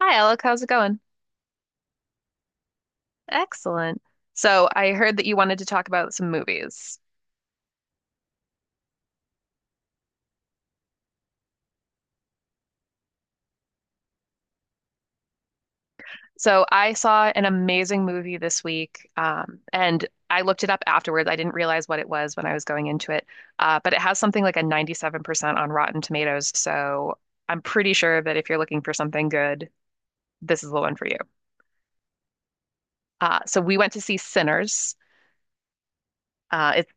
Hi, Alec. How's it going? Excellent. So, I heard that you wanted to talk about some movies. So, I saw an amazing movie this week, and I looked it up afterwards. I didn't realize what it was when I was going into it, but it has something like a 97% on Rotten Tomatoes. So, I'm pretty sure that if you're looking for something good, this is the one for you. So, we went to see Sinners. It's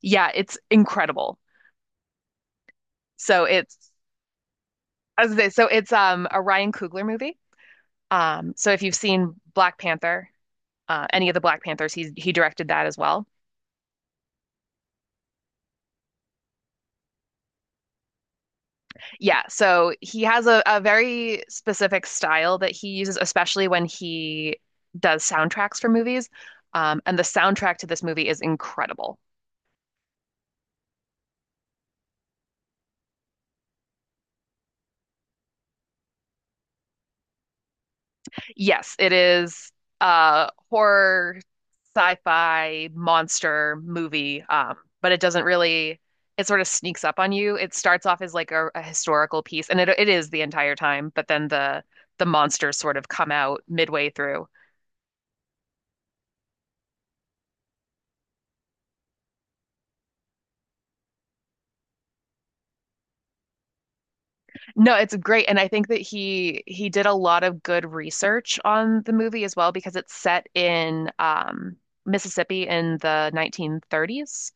Yeah, it's incredible. So, it's as they say, so it's a Ryan Coogler movie. So if you've seen Black Panther, any of the Black Panthers, he directed that as well. Yeah, so he has a very specific style that he uses, especially when he does soundtracks for movies. And the soundtrack to this movie is incredible. Yes, it is a horror, sci-fi, monster movie, but it doesn't really, it sort of sneaks up on you. It starts off as like a historical piece, and it is the entire time, but then the monsters sort of come out midway through. No, it's great, and I think that he did a lot of good research on the movie as well because it's set in Mississippi in the 1930s.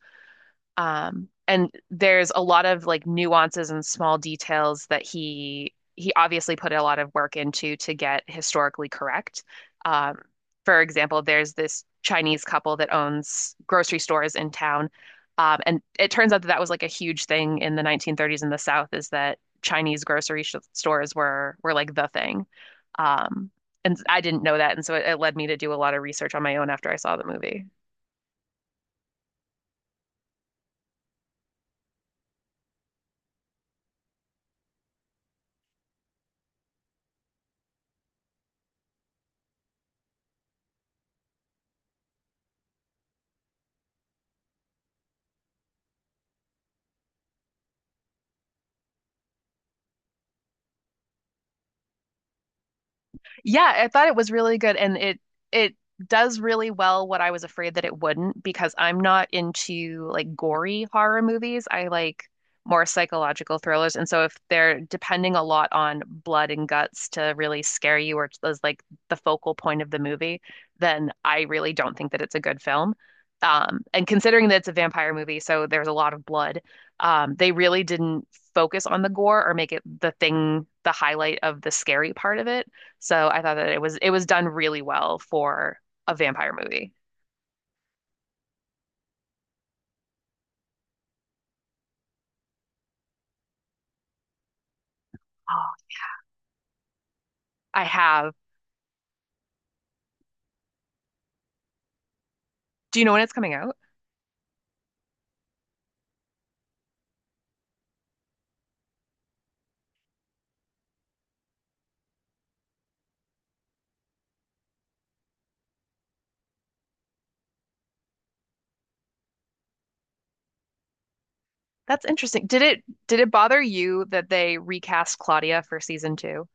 And there's a lot of like nuances and small details that he obviously put a lot of work into to get historically correct. Um, for example, there's this Chinese couple that owns grocery stores in town, and it turns out that that was like a huge thing in the 1930s in the South is that Chinese grocery sh stores were like the thing. Um, and I didn't know that, and so it led me to do a lot of research on my own after I saw the movie. Yeah, I thought it was really good and it does really well what I was afraid that it wouldn't because I'm not into like gory horror movies. I like more psychological thrillers, and so if they're depending a lot on blood and guts to really scare you or as like the focal point of the movie, then I really don't think that it's a good film. And considering that it's a vampire movie, so there's a lot of blood, they really didn't focus on the gore or make it the thing, the highlight of the scary part of it. So I thought that it was done really well for a vampire movie. Oh, I have. Do you know when it's coming out? That's interesting. Did it bother you that they recast Claudia for season two?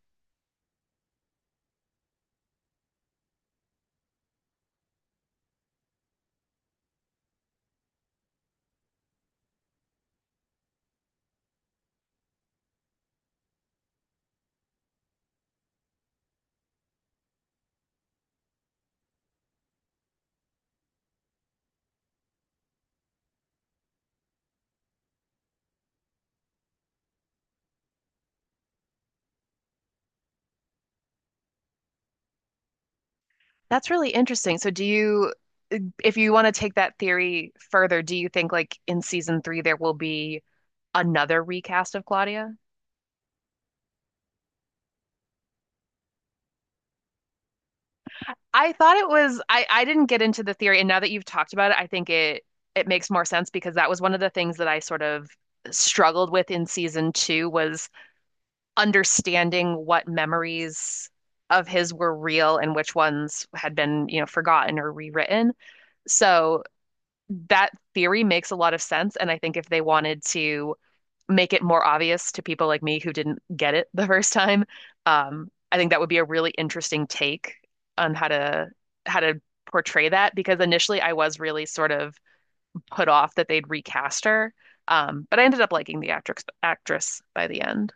That's really interesting. So do you, if you want to take that theory further, do you think like in season three there will be another recast of Claudia? I thought it was, I didn't get into the theory, and now that you've talked about it, I think it makes more sense because that was one of the things that I sort of struggled with in season two was understanding what memories of his were real and which ones had been, you know, forgotten or rewritten. So that theory makes a lot of sense. And I think if they wanted to make it more obvious to people like me who didn't get it the first time, I think that would be a really interesting take on how to portray that because initially I was really sort of put off that they'd recast her. But I ended up liking the actress by the end.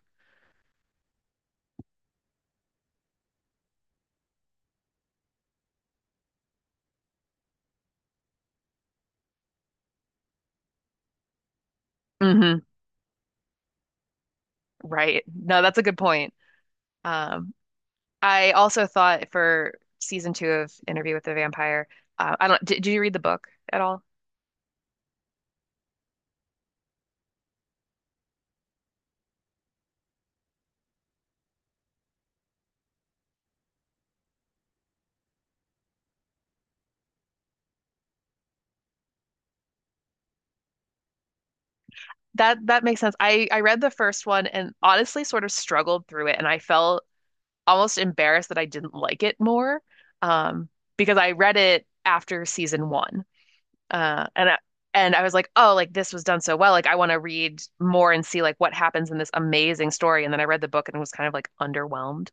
Hmm. Right. No, that's a good point. Um, I also thought for season two of Interview with the Vampire, I don't, did you read the book at all? That that makes sense. I read the first one and honestly sort of struggled through it, and I felt almost embarrassed that I didn't like it more, um, because I read it after season one, uh, and I, and I was like, oh, like this was done so well, like I want to read more and see like what happens in this amazing story, and then I read the book and was kind of like underwhelmed.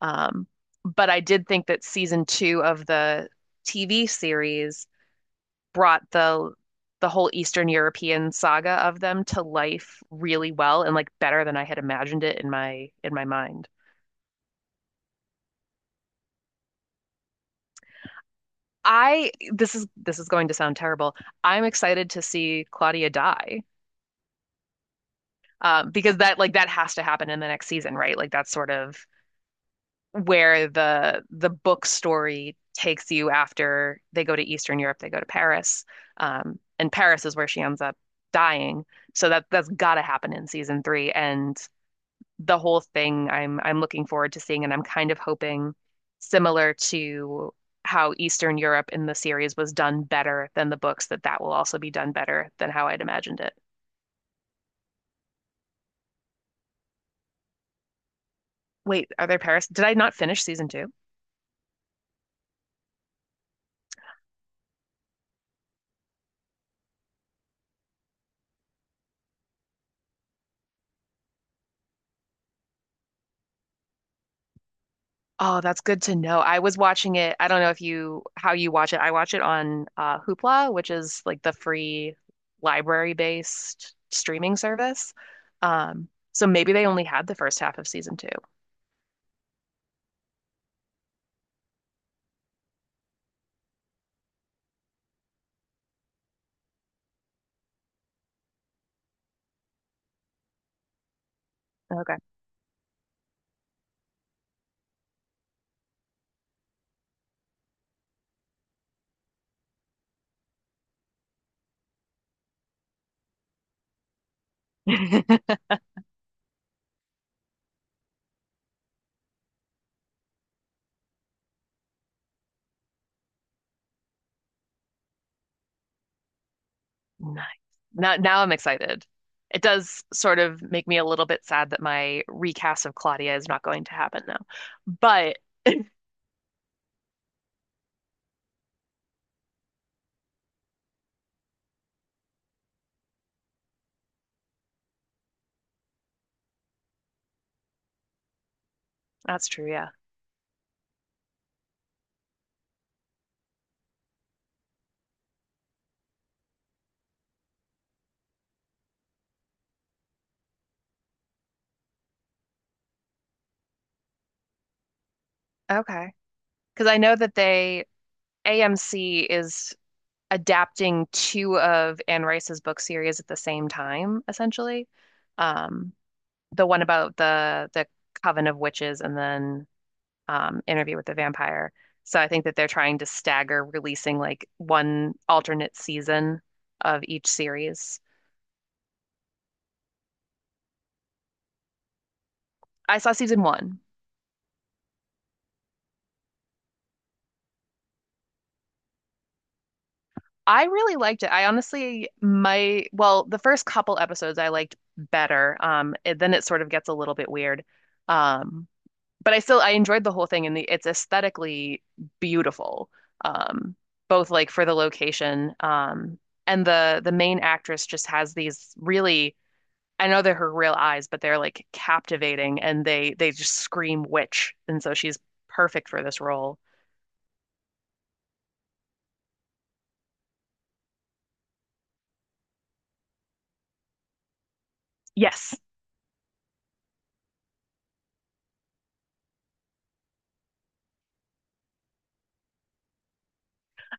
Um, but I did think that season two of the TV series brought the whole Eastern European saga of them to life really well and like better than I had imagined it in my mind. I, this is going to sound terrible. I'm excited to see Claudia die, because that, like that has to happen in the next season, right? Like that's sort of where the book story takes you after they go to Eastern Europe, they go to Paris. And Paris is where she ends up dying. So that's gotta happen in season three. And the whole thing I'm looking forward to seeing, and I'm kind of hoping, similar to how Eastern Europe in the series was done better than the books, that that will also be done better than how I'd imagined it. Wait, are there Paris? Did I not finish season two? Oh, that's good to know. I was watching it. I don't know if you, how you watch it. I watch it on Hoopla, which is like the free library-based streaming service. So maybe they only had the first half of season two. Okay. Nice. Now, now I'm excited. It does sort of make me a little bit sad that my recast of Claudia is not going to happen though. But that's true, yeah. Okay. Because I know that they AMC is adapting two of Anne Rice's book series at the same time, essentially. Um, the one about the Coven of Witches, and then Interview with the Vampire. So I think that they're trying to stagger releasing like one alternate season of each series. I saw season one. I really liked it. I honestly, my, well, the first couple episodes I liked better. It, then it sort of gets a little bit weird. Um, but I still, I enjoyed the whole thing and the, it's aesthetically beautiful. Um, Both like for the location, and the main actress just has these really, I know they're her real eyes, but they're like captivating and they just scream witch. And so she's perfect for this role. Yes,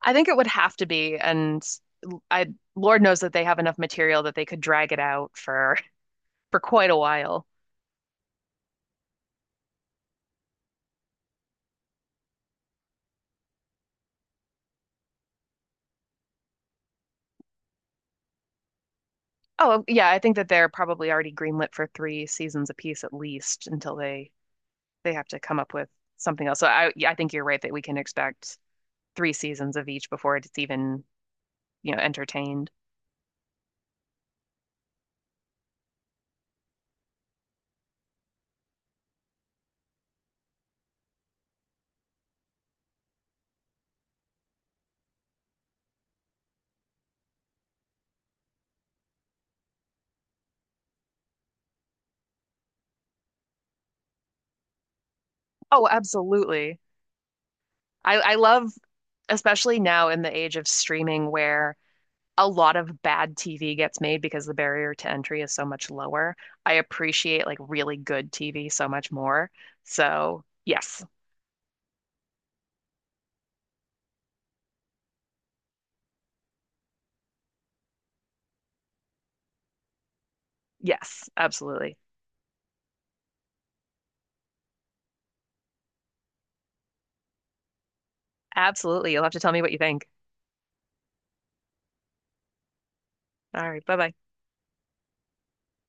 I think it would have to be. And I, Lord knows that they have enough material that they could drag it out for for quite a while. Oh, yeah, I think that they're probably already greenlit for three seasons apiece, at least until they have to come up with something else. So I, yeah, I think you're right that we can expect three seasons of each before it's even, you know, entertained. Oh, absolutely. I love, especially now in the age of streaming where a lot of bad TV gets made because the barrier to entry is so much lower. I appreciate like really good TV so much more. So, yes. Yes, absolutely. Absolutely. You'll have to tell me what you think. All right. Bye bye.